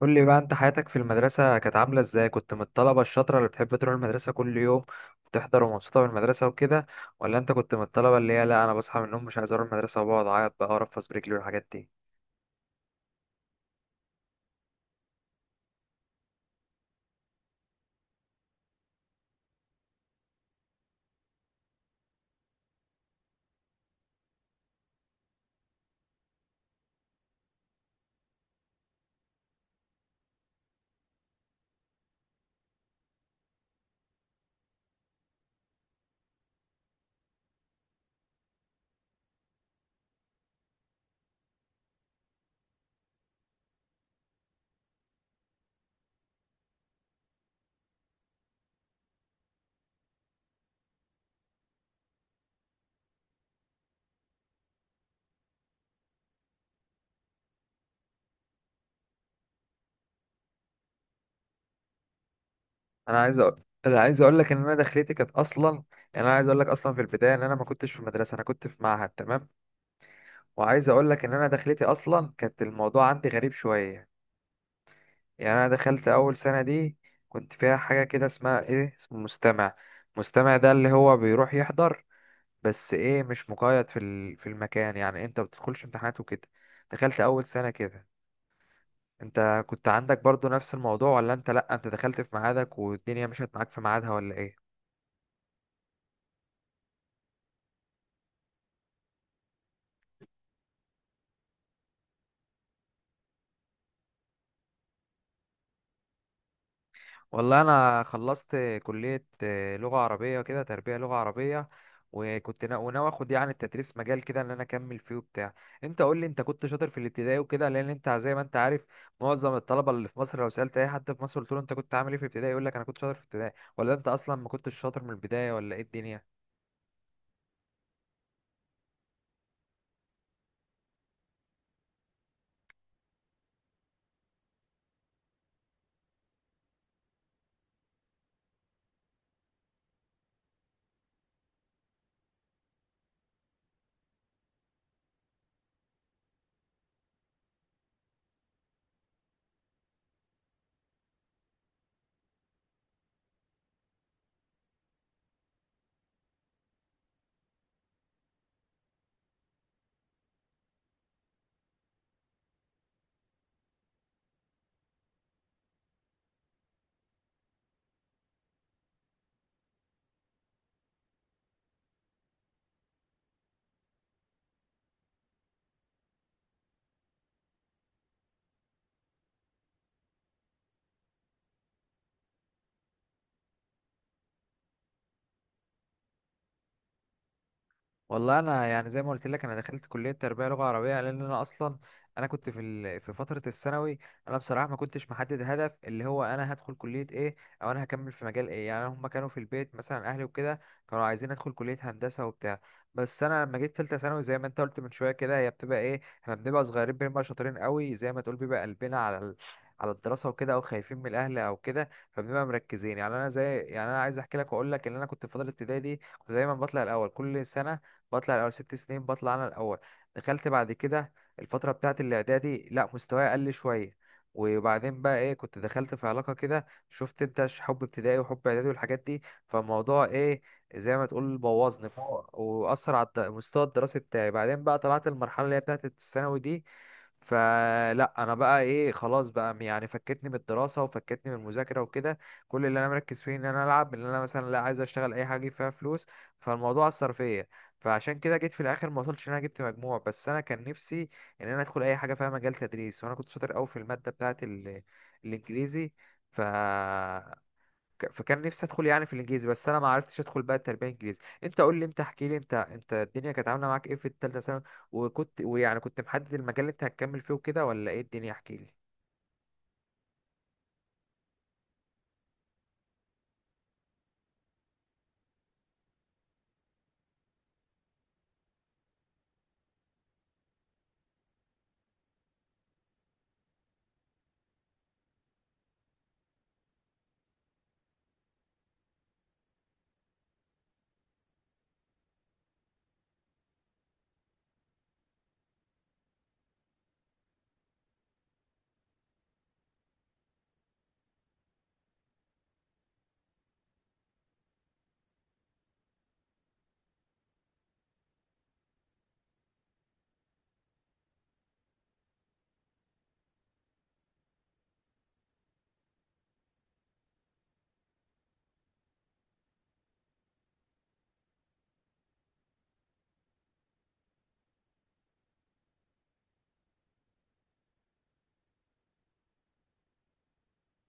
قول لي بقى، انت حياتك في المدرسة كانت عاملة ازاي؟ كنت من الطلبة الشاطرة اللي بتحب تروح المدرسة كل يوم وتحضر ومبسوطة بالمدرسة وكده، ولا انت كنت من الطلبة اللي هي لا، انا بصحى من النوم مش عايز اروح المدرسة وبقعد اعيط بقى وارفس برجلي والحاجات دي؟ انا عايز اقول لك ان انا دخلتي كانت اصلا، يعني انا عايز اقول لك اصلا في البداية ان انا ما كنتش في مدرسة، انا كنت في معهد. تمام، وعايز اقول لك ان انا دخلتي اصلا كانت الموضوع عندي غريب شوية. يعني انا دخلت اول سنة دي كنت فيها حاجة كده اسمها ايه، اسمه مستمع. مستمع ده اللي هو بيروح يحضر، بس ايه، مش مقيد في المكان، يعني انت بتدخلش امتحانات وكده. دخلت اول سنة كده. انت كنت عندك برضو نفس الموضوع، ولا انت لا، انت دخلت في ميعادك والدنيا مشيت معاك في ميعادها، ولا ايه؟ والله انا خلصت كليه آه، لغه عربيه كده، تربيه لغه عربيه. وكنت وناوي اخد يعني التدريس مجال كده، ان انا اكمل فيه وبتاع. انت قول لي، انت كنت شاطر في الابتدائي وكده؟ لان انت زي ما انت عارف، معظم الطلبه اللي في مصر لو سالت اي حد في مصر قلت له انت كنت عامل ايه في الابتدائي يقول لك انا كنت شاطر في الابتدائي. ولا انت اصلا ما كنتش شاطر من البدايه، ولا ايه الدنيا؟ والله انا يعني زي ما قلت لك انا دخلت كليه تربيه لغه عربيه، لان انا اصلا انا كنت في فتره الثانوي. انا بصراحه ما كنتش محدد هدف، اللي هو انا هدخل كليه ايه او انا هكمل في مجال ايه. يعني هم كانوا في البيت مثلا، اهلي وكده، كانوا عايزين ادخل كليه هندسه وبتاع. بس انا لما جيت ثالثه ثانوي، زي ما انت قلت من شويه كده، هي بتبقى ايه، احنا بنبقى صغيرين بنبقى شاطرين قوي، زي ما تقول بيبقى قلبنا على ال... على الدراسه وكده، او خايفين من الاهل او كده، فبنبقى مركزين. يعني انا زي، يعني انا عايز احكي لك واقول لك ان انا كنت في فتره ابتدائي دي كنت دايما بطلع الاول كل سنه، بطلع الاول ست سنين بطلع انا الاول. دخلت بعد كده الفتره بتاعه الاعدادي، لا، مستواي قل شويه. وبعدين بقى ايه، كنت دخلت في علاقه كده، شفت، انت حب ابتدائي وحب اعدادي والحاجات دي، فالموضوع ايه، زي ما تقول، بوظني واثر على المستوى الدراسي بتاعي. بعدين بقى طلعت المرحله اللي هي بتاعه الثانوي دي، فلا، انا بقى ايه، خلاص بقى يعني، فكتني من الدراسه وفكتني من المذاكره وكده. كل اللي انا مركز فيه ان انا العب، ان انا مثلا لا، عايز اشتغل اي حاجه فيها فلوس. فالموضوع اثر فيا، فعشان كده جيت في الاخر ما وصلتش ان انا جبت مجموع، بس انا كان نفسي ان انا ادخل اي حاجه فيها مجال تدريس. وانا كنت شاطر قوي في الماده بتاعه ال... الانجليزي. ف... فكان نفسي ادخل يعني في الانجليزي، بس انا ما عرفتش ادخل بقى التربيه الانجليزي. انت قول لي، انت احكي لي، انت الدنيا كانت عامله معاك ايه في الثالثه ثانوي؟ وكنت، ويعني كنت محدد المجال اللي انت هتكمل فيه وكده، ولا ايه الدنيا؟ احكي لي.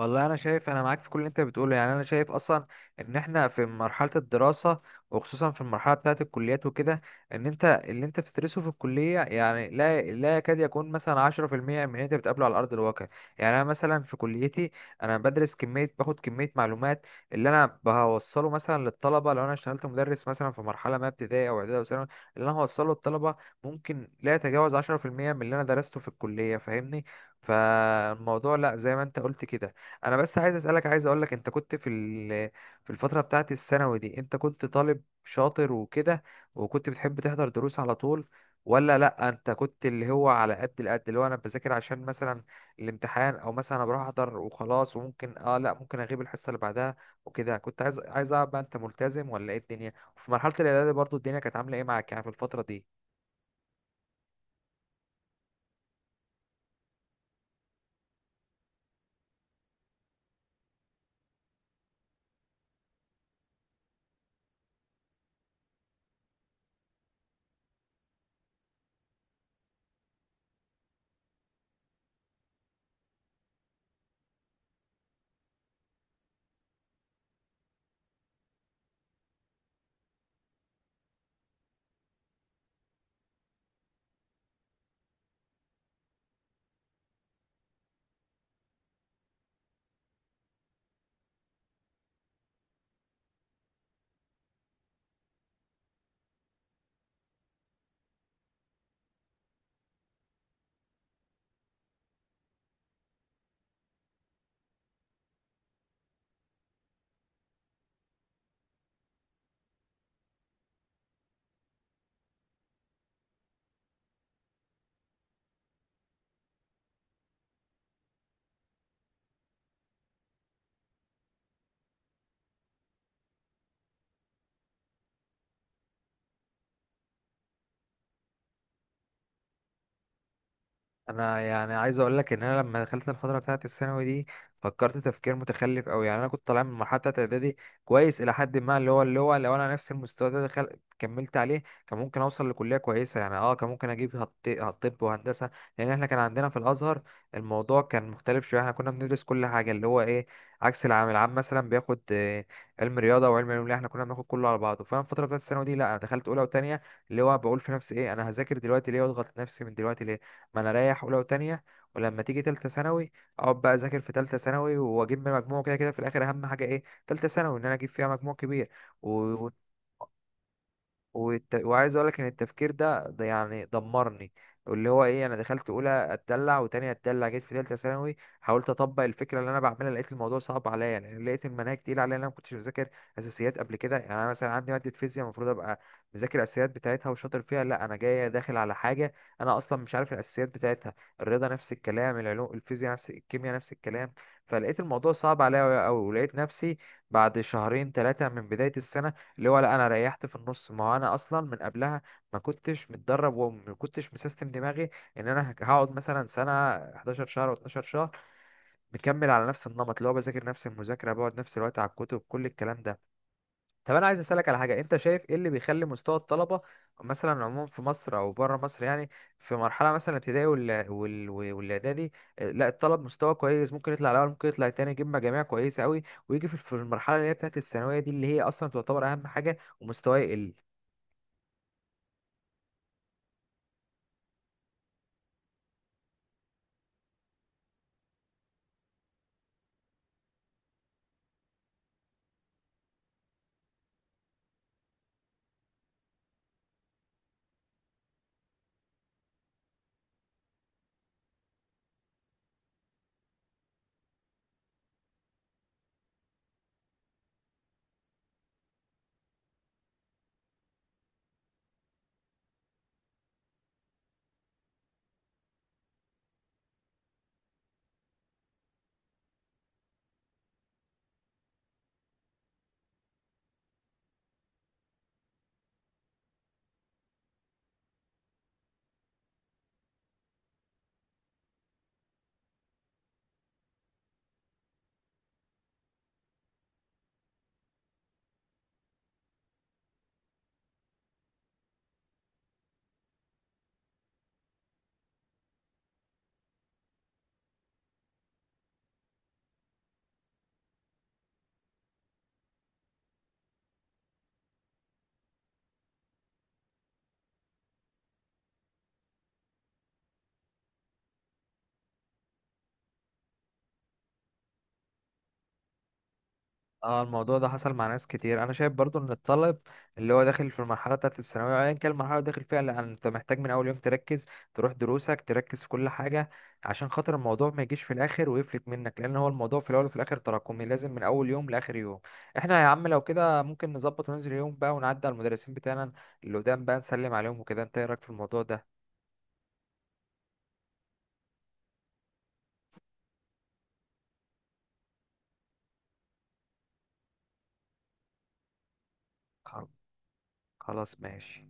والله انا شايف، انا معاك في كل اللي انت بتقوله. يعني انا شايف اصلا ان احنا في مرحله الدراسه، وخصوصا في المرحله بتاعه الكليات وكده، ان انت اللي انت بتدرسه في الكليه يعني لا يكاد يكون مثلا 10% من اللي انت بتقابله على ارض الواقع. يعني انا مثلا في كليتي انا بدرس كميه، باخد كميه معلومات، اللي انا بوصله مثلا للطلبه لو انا اشتغلت مدرس مثلا في مرحله ما، ابتدائي او اعدادي او ثانوي، اللي انا هوصله للطلبه ممكن لا يتجاوز 10% من اللي انا درسته في الكليه، فاهمني؟ فالموضوع لا، زي ما انت قلت كده. انا بس عايز اسالك، عايز اقول لك، انت كنت في ال-، في الفتره بتاعه الثانوي دي، انت كنت طالب شاطر وكده، وكنت بتحب تحضر دروس على طول، ولا لا، انت كنت اللي هو على قد القد، اللي هو انا بذاكر عشان مثلا الامتحان، او مثلا انا بروح احضر وخلاص، وممكن اه، لا، ممكن اغيب الحصه اللي بعدها وكده؟ كنت عايز، عايز اعرف بقى، انت ملتزم ولا ايه الدنيا؟ وفي مرحله الاعدادي برضو الدنيا كانت عامله ايه معاك، يعني في الفتره دي؟ انا يعني عايز اقول لك ان انا لما دخلت الفتره بتاعه الثانوي دي فكرت تفكير متخلف قوي. يعني انا كنت طالع من المرحله بتاعه اعدادي كويس الى حد ما، اللي هو، اللي هو لو انا نفس المستوى ده دخل كملت عليه، كان ممكن اوصل لكليه كويسه، يعني اه، كان ممكن اجيب هتطب وهندسه. لان احنا كان عندنا في الازهر الموضوع كان مختلف شويه، احنا كنا بندرس كل حاجه، اللي هو ايه، عكس العام. العام مثلا بياخد آه، علم رياضه وعلم علوم، لا، احنا كنا بناخد كله على بعضه. فانا الفتره بتاعه الثانوي دي لا، انا دخلت اولى وثانيه، اللي هو بقول في نفسي ايه، انا هذاكر دلوقتي ليه واضغط نفسي من دلوقتي ليه، ما انا اريح اولى وتانية، ولما تيجي تالتة ثانوي اقعد بقى اذاكر في تالتة ثانوي واجيب من مجموع، كده كده في الاخر اهم حاجة ايه، تالتة ثانوي ان انا اجيب فيها مجموع كبير. و- وعايز اقول لك ان التفكير ده يعني دمرني، اللي هو ايه، انا دخلت اولى اتدلع، وتانية اتدلع، جيت في تالتة ثانوي حاولت اطبق الفكره اللي انا بعملها، لقيت الموضوع صعب عليا. يعني لقيت المناهج تقيله عليا، انا ما كنتش مذاكر اساسيات قبل كده. يعني انا مثلا عندي ماده فيزياء المفروض ابقى مذاكر الاساسيات بتاعتها وشاطر فيها، لا، انا جاي داخل على حاجه انا اصلا مش عارف الاساسيات بتاعتها. الرياضه نفس الكلام، العلوم الفيزياء نفس، الكيمياء نفس الكلام. فلقيت الموضوع صعب عليا قوي، ولقيت نفسي بعد شهرين ثلاثه من بدايه السنه، اللي هو لا، انا ريحت في النص. ما هو انا اصلا من قبلها ما كنتش متدرب، وما كنتش مسيستم دماغي ان انا هقعد مثلا سنه، 11 شهر و12 شهر مكمل على نفس النمط، اللي هو بذاكر نفس المذاكره، بقعد نفس الوقت على الكتب، كل الكلام ده. طب انا عايز اسالك على حاجه، انت شايف ايه اللي بيخلي مستوى الطلبه مثلا عموما في مصر او بره مصر، يعني في مرحله مثلا الابتدائي والاعدادي آه، لا الطلب مستوى كويس، ممكن يطلع الاول ممكن يطلع التاني، يجيب مجاميع كويسه قوي، ويجي في المرحله اللي هي بتاعت الثانويه دي، اللي هي اصلا تعتبر اهم حاجه، ومستواه يقل؟ اه، الموضوع ده حصل مع ناس كتير. انا شايف برضو ان الطالب اللي هو داخل في المرحله بتاعه الثانويه، ايا كان المرحله اللي داخل فيها، لأ، انت محتاج من اول يوم تركز، تروح دروسك، تركز في كل حاجه، عشان خاطر الموضوع ما يجيش في الاخر ويفلت منك. لان هو الموضوع في الاول وفي الاخر تراكمي، لازم من اول يوم لاخر يوم. احنا يا عم لو كده ممكن نظبط وننزل يوم بقى، ونعدي على المدرسين بتاعنا اللي قدام بقى، نسلم عليهم وكده. انت ايه رايك في الموضوع ده؟ خل- خلاص ماشي.